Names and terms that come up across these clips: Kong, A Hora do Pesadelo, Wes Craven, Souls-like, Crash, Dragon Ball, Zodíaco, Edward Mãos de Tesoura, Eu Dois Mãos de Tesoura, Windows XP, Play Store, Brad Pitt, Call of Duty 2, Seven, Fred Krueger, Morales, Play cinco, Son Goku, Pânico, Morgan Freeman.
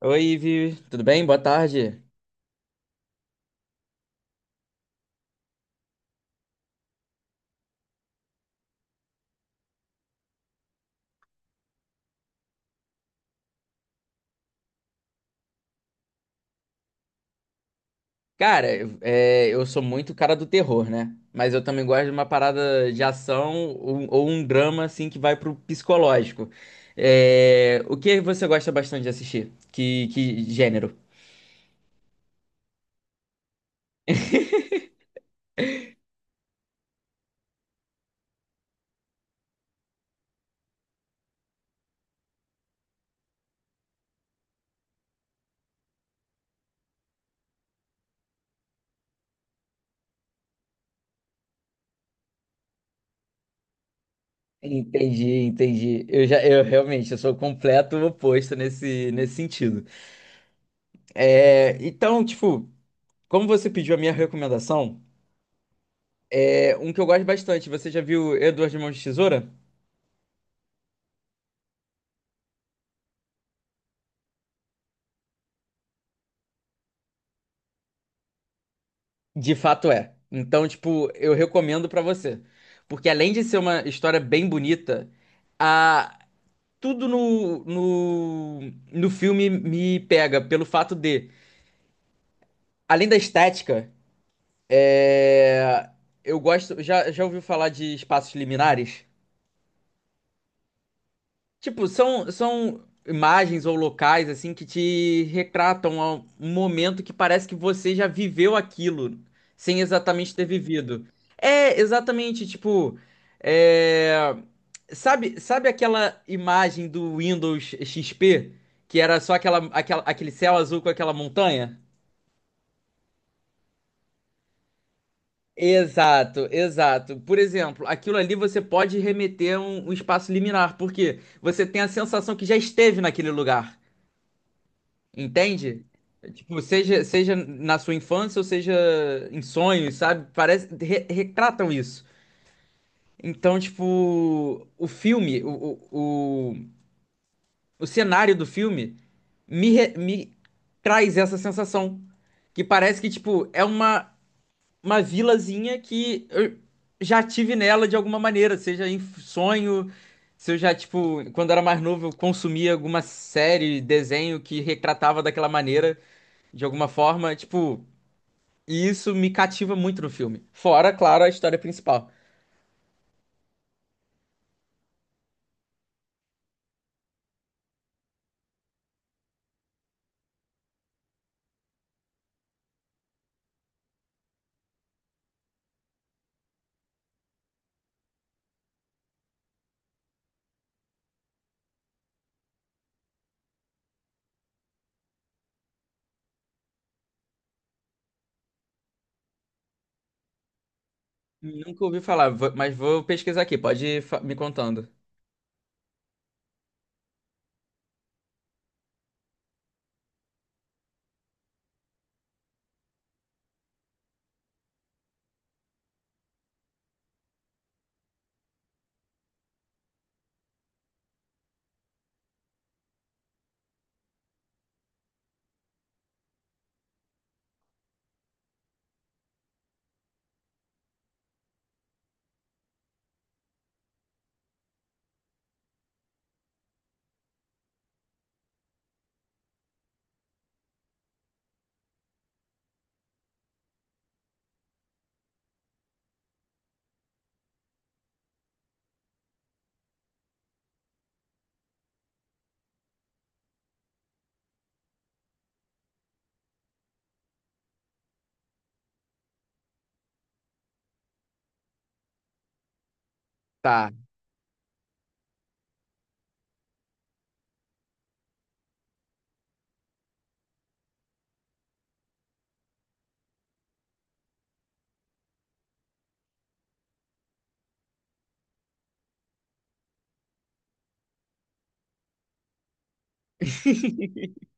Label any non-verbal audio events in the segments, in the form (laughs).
Oi, Ivi, tudo bem? Boa tarde. Cara, eu sou muito cara do terror, né? Mas eu também gosto de uma parada de ação ou um drama, assim, que vai pro psicológico. É, o que você gosta bastante de assistir? Que gênero? Entendi, entendi. Eu realmente, eu sou o completo oposto nesse sentido. É, então, tipo, como você pediu a minha recomendação, é um que eu gosto bastante. Você já viu Edward Mãos de Tesoura? De fato é. Então, tipo, eu recomendo pra você. Porque além de ser uma história bem bonita, a... tudo no filme me pega pelo fato de, além da estética, é... eu gosto. Já ouviu falar de espaços liminares? Tipo, são imagens ou locais assim que te retratam a um momento que parece que você já viveu aquilo, sem exatamente ter vivido. É exatamente, tipo, é, sabe aquela imagem do Windows XP que era só aquele céu azul com aquela montanha? Exato, exato. Por exemplo, aquilo ali você pode remeter a um espaço liminar, porque você tem a sensação que já esteve naquele lugar. Entende? Tipo, seja na sua infância ou seja em sonhos, sabe? Parece, retratam isso. Então, tipo, o filme, o, o, o cenário do filme me traz essa sensação. Que parece que, tipo, é uma vilazinha que eu já tive nela de alguma maneira, seja em sonho, se eu já, tipo, quando era mais novo, eu consumia alguma série, desenho que retratava daquela maneira, de alguma forma, tipo, e isso me cativa muito no filme. Fora, claro, a história principal. Nunca ouvi falar, mas vou pesquisar aqui, pode ir me contando. Tá. (laughs)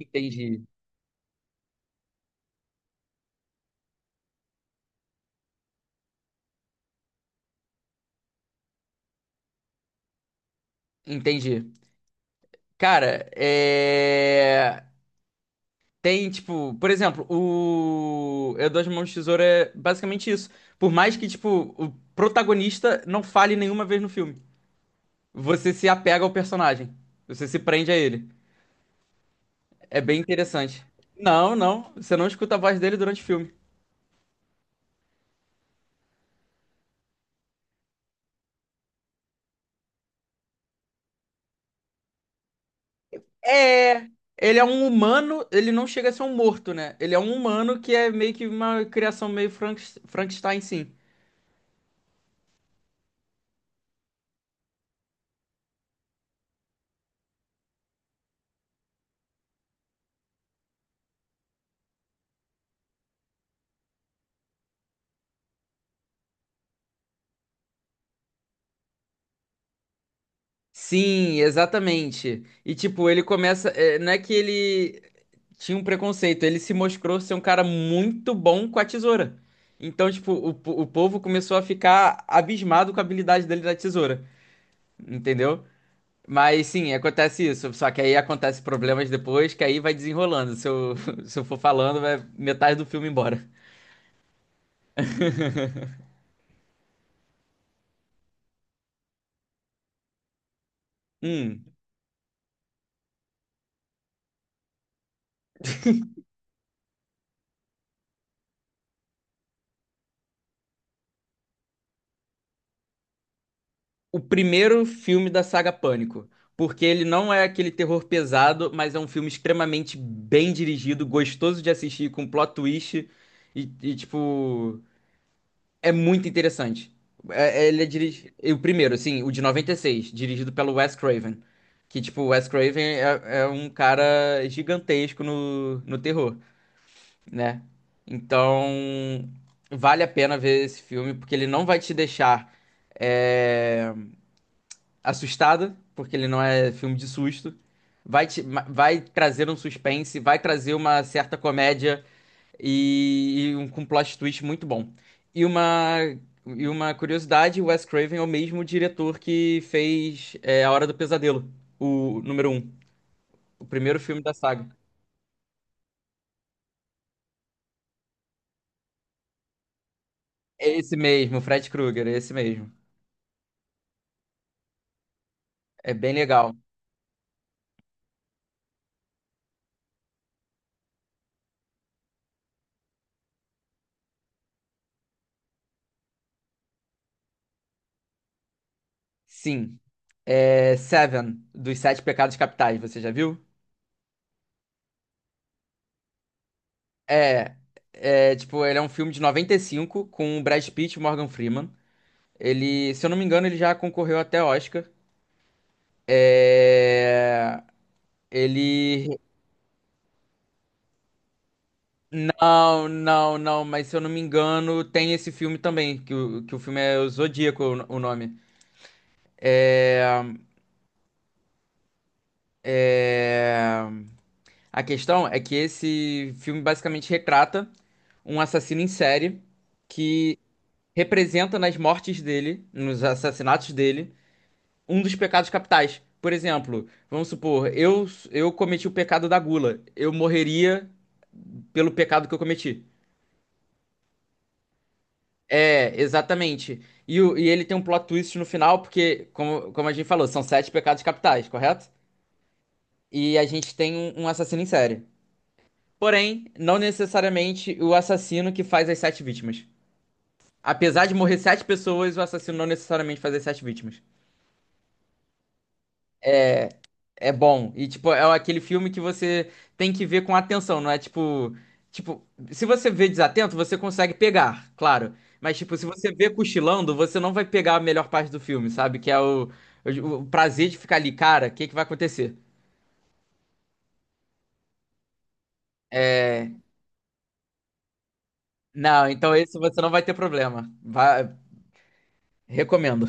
Entendi, entendi. Cara, Tem, tipo, por exemplo, o Eu Dois Mãos de Tesoura é basicamente isso. Por mais que, tipo, o protagonista não fale nenhuma vez no filme, você se apega ao personagem. Você se prende a ele. É bem interessante. Não, não, você não escuta a voz dele durante o filme. É, ele é um humano, ele não chega a ser um morto, né? Ele é um humano que é meio que uma criação meio Frankenstein, sim. Sim, exatamente. E tipo, ele começa. É, não é que ele tinha um preconceito, ele se mostrou ser um cara muito bom com a tesoura. Então, tipo, o povo começou a ficar abismado com a habilidade dele da tesoura, entendeu? Mas sim, acontece isso. Só que aí acontece problemas depois, que aí vai desenrolando. Se eu, (laughs) se eu for falando, vai metade do filme embora. Hum. O primeiro filme da saga Pânico, porque ele não é aquele terror pesado, mas é um filme extremamente bem dirigido, gostoso de assistir, com plot twist e, e, tipo, é muito interessante. Ele é dirigido, o primeiro, assim, o de 96 dirigido pelo Wes Craven, que, tipo, o Wes Craven é um cara gigantesco no terror, né? Então, vale a pena ver esse filme, porque ele não vai te deixar... é, assustada, porque ele não é filme de susto. Vai, vai trazer um suspense, vai trazer uma certa comédia com plot twist muito bom. E uma, e uma curiosidade, o Wes Craven é o mesmo diretor que fez A Hora do Pesadelo, o número um, o primeiro filme da saga. É esse mesmo, Fred Krueger, é esse mesmo. É bem legal. Sim. É Seven, dos Sete Pecados Capitais, você já viu? É, tipo, ele é um filme de 95 com o Brad Pitt e o Morgan Freeman. Ele, se eu não me engano, ele já concorreu até Oscar. É, ele... Não, não, não, mas se eu não me engano, tem esse filme também, que o filme é o Zodíaco, o nome. É, a questão é que esse filme basicamente retrata um assassino em série que representa nas mortes dele, nos assassinatos dele, um dos pecados capitais. Por exemplo, vamos supor, eu cometi o pecado da gula. Eu morreria pelo pecado que eu cometi. É, exatamente. E, e ele tem um plot twist no final, porque, como a gente falou, são sete pecados capitais, correto? E a gente tem um assassino em série. Porém, não necessariamente o assassino que faz as sete vítimas. Apesar de morrer sete pessoas, o assassino não necessariamente faz as sete vítimas. É bom. E, tipo, é aquele filme que você tem que ver com atenção, não é tipo. Tipo, se você vê desatento, você consegue pegar, claro. Mas, tipo, se você vê cochilando, você não vai pegar a melhor parte do filme, sabe? Que é o prazer de ficar ali, cara, o que que vai acontecer? É. Não, então esse você não vai ter problema. Vai... Recomendo.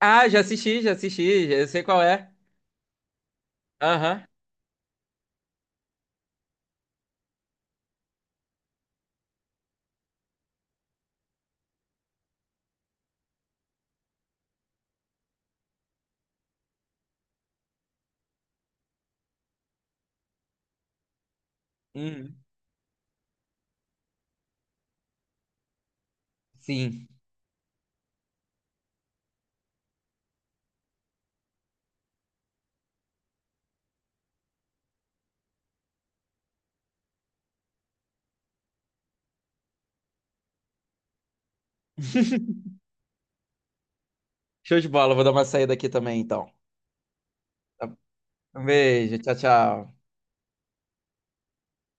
Ah, já assisti, já assisti, já eu sei qual é. Aham. Uhum. Sim. (laughs) Show de bola, vou dar uma saída aqui também, então. Tá- Um beijo, tchau, tchau.